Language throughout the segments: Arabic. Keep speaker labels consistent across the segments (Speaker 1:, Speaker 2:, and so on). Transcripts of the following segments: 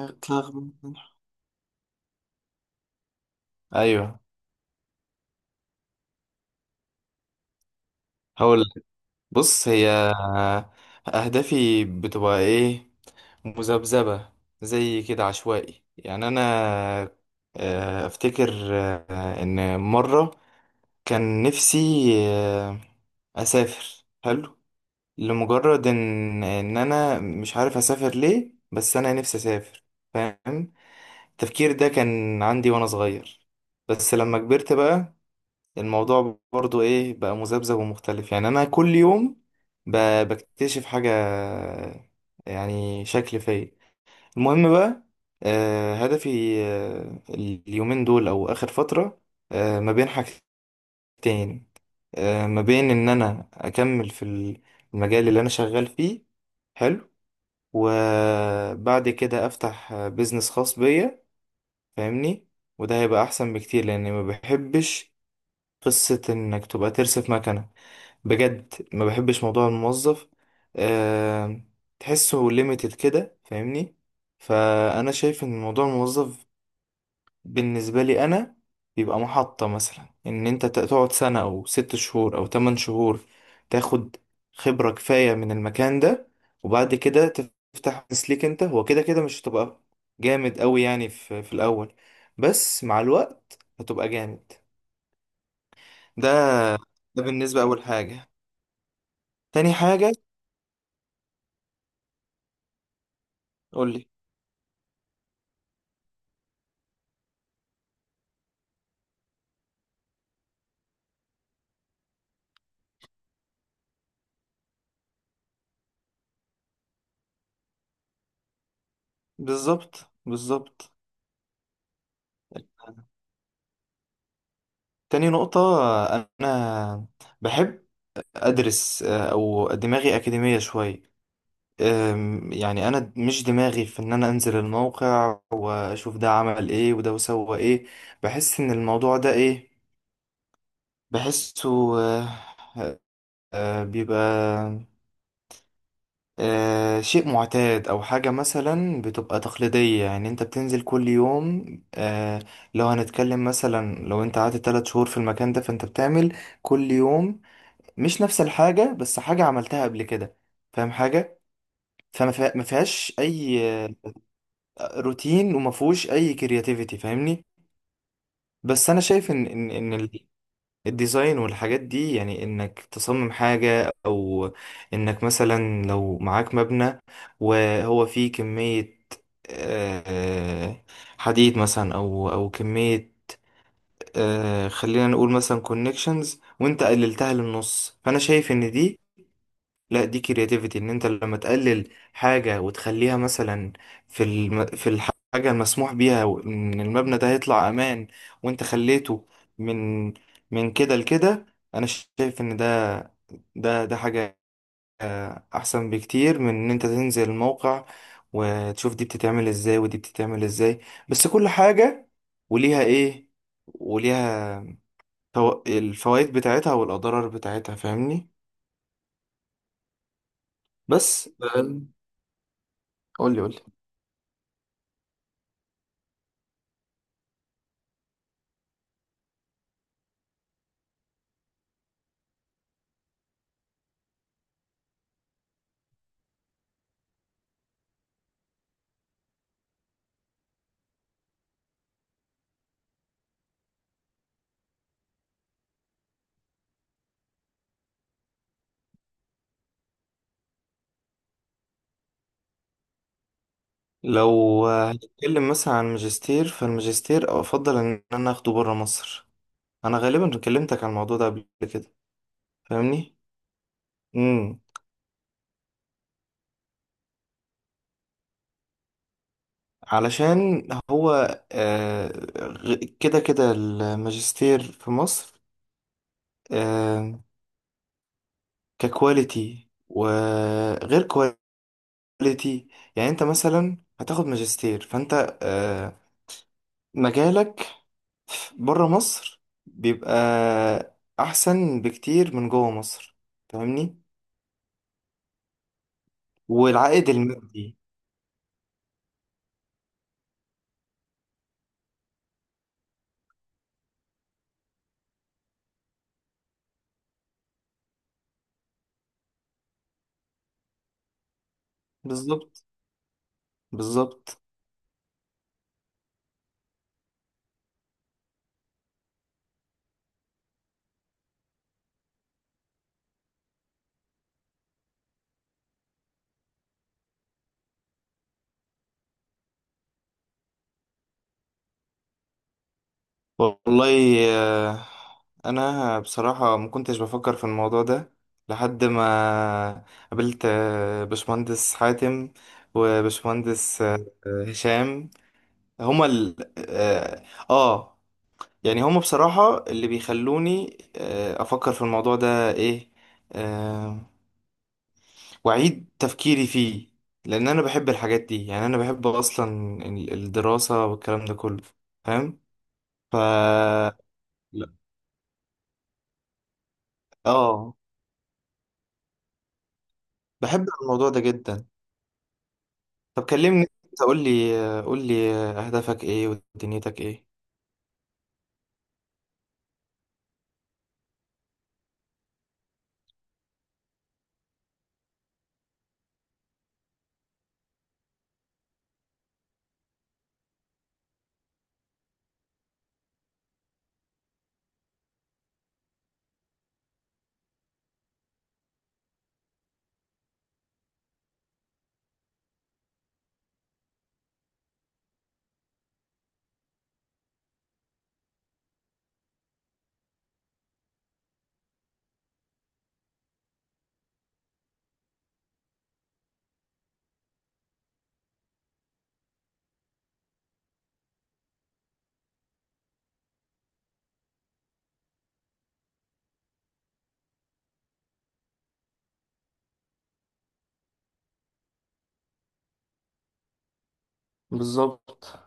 Speaker 1: اتلغى. من- ايوه، هقول لك. بص، هي اهدافي بتبقى ايه؟ مذبذبه، زي كده عشوائي. يعني انا، افتكر ان مره كان نفسي آه، اسافر، حلو، لمجرد ان انا مش عارف اسافر ليه، بس انا نفسي اسافر، فاهم؟ التفكير ده كان عندي وانا صغير، بس لما كبرت بقى الموضوع برضو ايه بقى، مذبذب ومختلف. يعني انا كل يوم بكتشف حاجة، يعني شكل فيا. المهم بقى، هدفي اليومين دول او اخر فترة ما بين حاجتين، ما بين ان انا اكمل في المجال اللي انا شغال فيه، حلو، وبعد كده افتح بيزنس خاص بيا، فاهمني؟ وده هيبقى احسن بكتير لاني ما بحبش قصة انك تبقى ترسف مكنة. بجد ما بحبش موضوع الموظف، أه، تحسه ليميتد كده، فاهمني؟ فانا شايف ان موضوع الموظف بالنسبه لي انا بيبقى محطه، مثلا ان انت تقعد سنه او ست شهور او تمن شهور، تاخد خبره كفايه من المكان ده، وبعد كده تفتح بزنس ليك انت. هو كده كده مش هتبقى جامد قوي يعني في الاول، بس مع الوقت هتبقى جامد. ده، ده بالنسبه اول حاجه. تاني حاجه، قولي. بالظبط بالظبط. تاني نقطة، أنا بحب أدرس، أو دماغي أكاديمية شوية. يعني أنا مش دماغي في إن أنا أنزل الموقع وأشوف ده عمل إيه وده وسوى إيه. بحس إن الموضوع ده إيه، بحسه، بيبقى شيء معتاد، او حاجة مثلا بتبقى تقليدية. يعني انت بتنزل كل يوم، آه، لو هنتكلم مثلا، لو انت قعدت تلات شهور في المكان ده فانت بتعمل كل يوم مش نفس الحاجة، بس حاجة عملتها قبل كده، فاهم حاجة؟ ما فيهاش اي روتين، وما فيهوش اي كرياتيفيتي، فاهمني؟ بس انا شايف ان الديزاين والحاجات دي، يعني انك تصمم حاجة، او انك مثلا لو معاك مبنى وهو فيه كمية آه، حديد مثلا، او كمية، خلينا نقول مثلا كونكشنز، وانت قللتها للنص، فانا شايف ان دي، لا دي كرياتيفيتي، ان انت لما تقلل حاجة وتخليها مثلا في في الحاجة المسموح بيها، ان المبنى ده هيطلع امان وانت خليته من من كده لكده، انا شايف ان ده حاجة احسن بكتير من ان انت تنزل الموقع وتشوف دي بتتعمل ازاي ودي بتتعمل ازاي. بس كل حاجة وليها ايه، وليها الفوائد بتاعتها والاضرار بتاعتها، فاهمني؟ بس قولي قولي. لو هنتكلم مثلا عن الماجستير، فالماجستير افضل ان انا اخده بره مصر. انا غالبا كلمتك عن الموضوع ده قبل كده، فاهمني؟ امم، علشان هو آه، كده كده الماجستير في مصر آه، ككواليتي وغير كواليتي، يعني انت مثلا هتاخد ماجستير، فانت مجالك بره مصر بيبقى احسن بكتير من جوه مصر، فاهمني؟ والعائد المادي، بالظبط بالظبط. والله انا بصراحة ما كنتش بفكر في الموضوع ده، لحد ما قابلت باشمهندس حاتم، وباشمهندس هشام. هما ال اه، آه، يعني هما بصراحة اللي بيخلوني افكر في الموضوع ده ايه، آه، وأعيد تفكيري فيه. لأن أنا بحب الحاجات دي، يعني أنا بحب أصلا الدراسة والكلام ده كله، فاهم؟ ف، لا. آه، بحب الموضوع ده جدا. طب كلمني أنت، قول لي قول لي أهدافك إيه، ودنيتك إيه. بالظبط.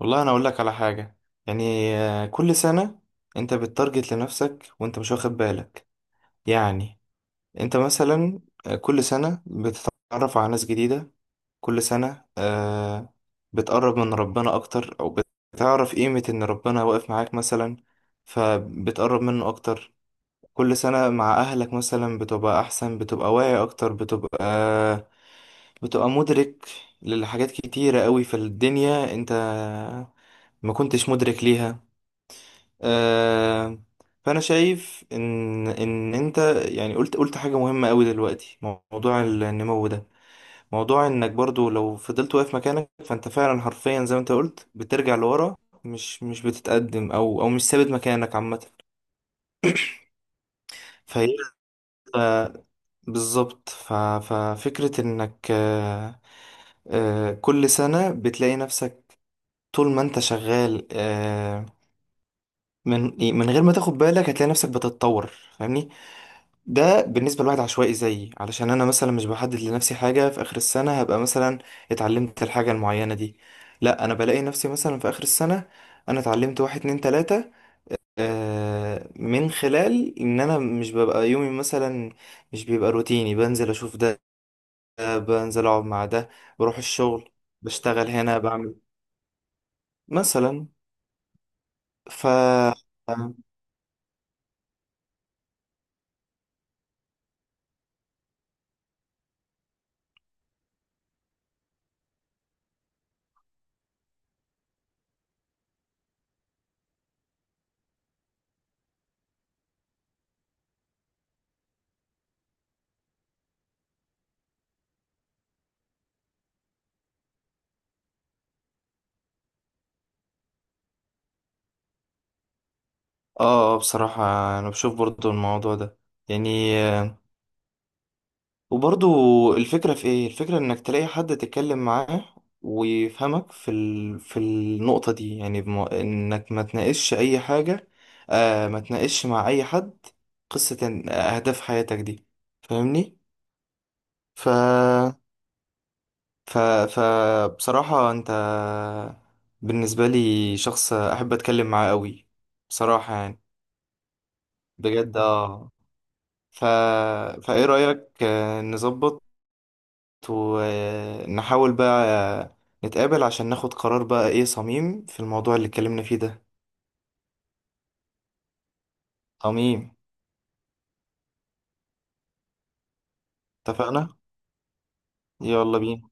Speaker 1: والله أنا أقول لك على حاجة. يعني كل سنة أنت بتتارجت لنفسك وأنت مش واخد بالك. يعني أنت مثلا كل سنة بتتعرف على ناس جديدة، كل سنة آه بتقرب من ربنا أكتر، أو بتعرف قيمة إن ربنا واقف معاك مثلا، فبتقرب منه أكتر. كل سنة مع أهلك مثلا بتبقى أحسن، بتبقى واعي أكتر، بتبقى مدرك لحاجات كتيرة قوي في الدنيا أنت ما كنتش مدرك ليها. آه، فأنا شايف إن أنت، يعني قلت حاجة مهمة قوي دلوقتي، موضوع النمو ده، موضوع انك برضو لو فضلت واقف مكانك فانت فعلا حرفيا زي ما انت قلت بترجع لورا، مش بتتقدم، او مش ثابت مكانك عامه. فهي، ف- بالظبط. ففكره انك كل سنه بتلاقي نفسك طول ما انت شغال، من من غير ما تاخد بالك هتلاقي نفسك بتتطور، فاهمني؟ ده بالنسبة لواحد عشوائي زيي، علشان أنا مثلا مش بحدد لنفسي حاجة في آخر السنة هبقى مثلا اتعلمت الحاجة المعينة دي، لا أنا بلاقي نفسي مثلا في آخر السنة أنا اتعلمت واحد اتنين تلاتة، من خلال إن أنا مش ببقى يومي مثلا مش بيبقى روتيني، بنزل أشوف ده، ده، بنزل أقعد مع ده، بروح الشغل، بشتغل هنا، بعمل مثلا. ف بصراحة أنا بشوف برضو الموضوع ده، يعني، وبرضو الفكرة في ايه، الفكرة انك تلاقي حد تتكلم معاه ويفهمك في في النقطة دي. يعني انك ما تناقشش اي حاجة، آه، ما تناقشش مع اي حد قصة اهداف حياتك دي، فاهمني؟ ف ف ف بصراحة انت بالنسبة لي شخص احب اتكلم معاه قوي، بصراحة يعني، بجد اه. ف، فايه رأيك نظبط ونحاول بقى نتقابل عشان ناخد قرار بقى ايه صميم في الموضوع اللي اتكلمنا فيه ده. صميم. اتفقنا. يلا بينا.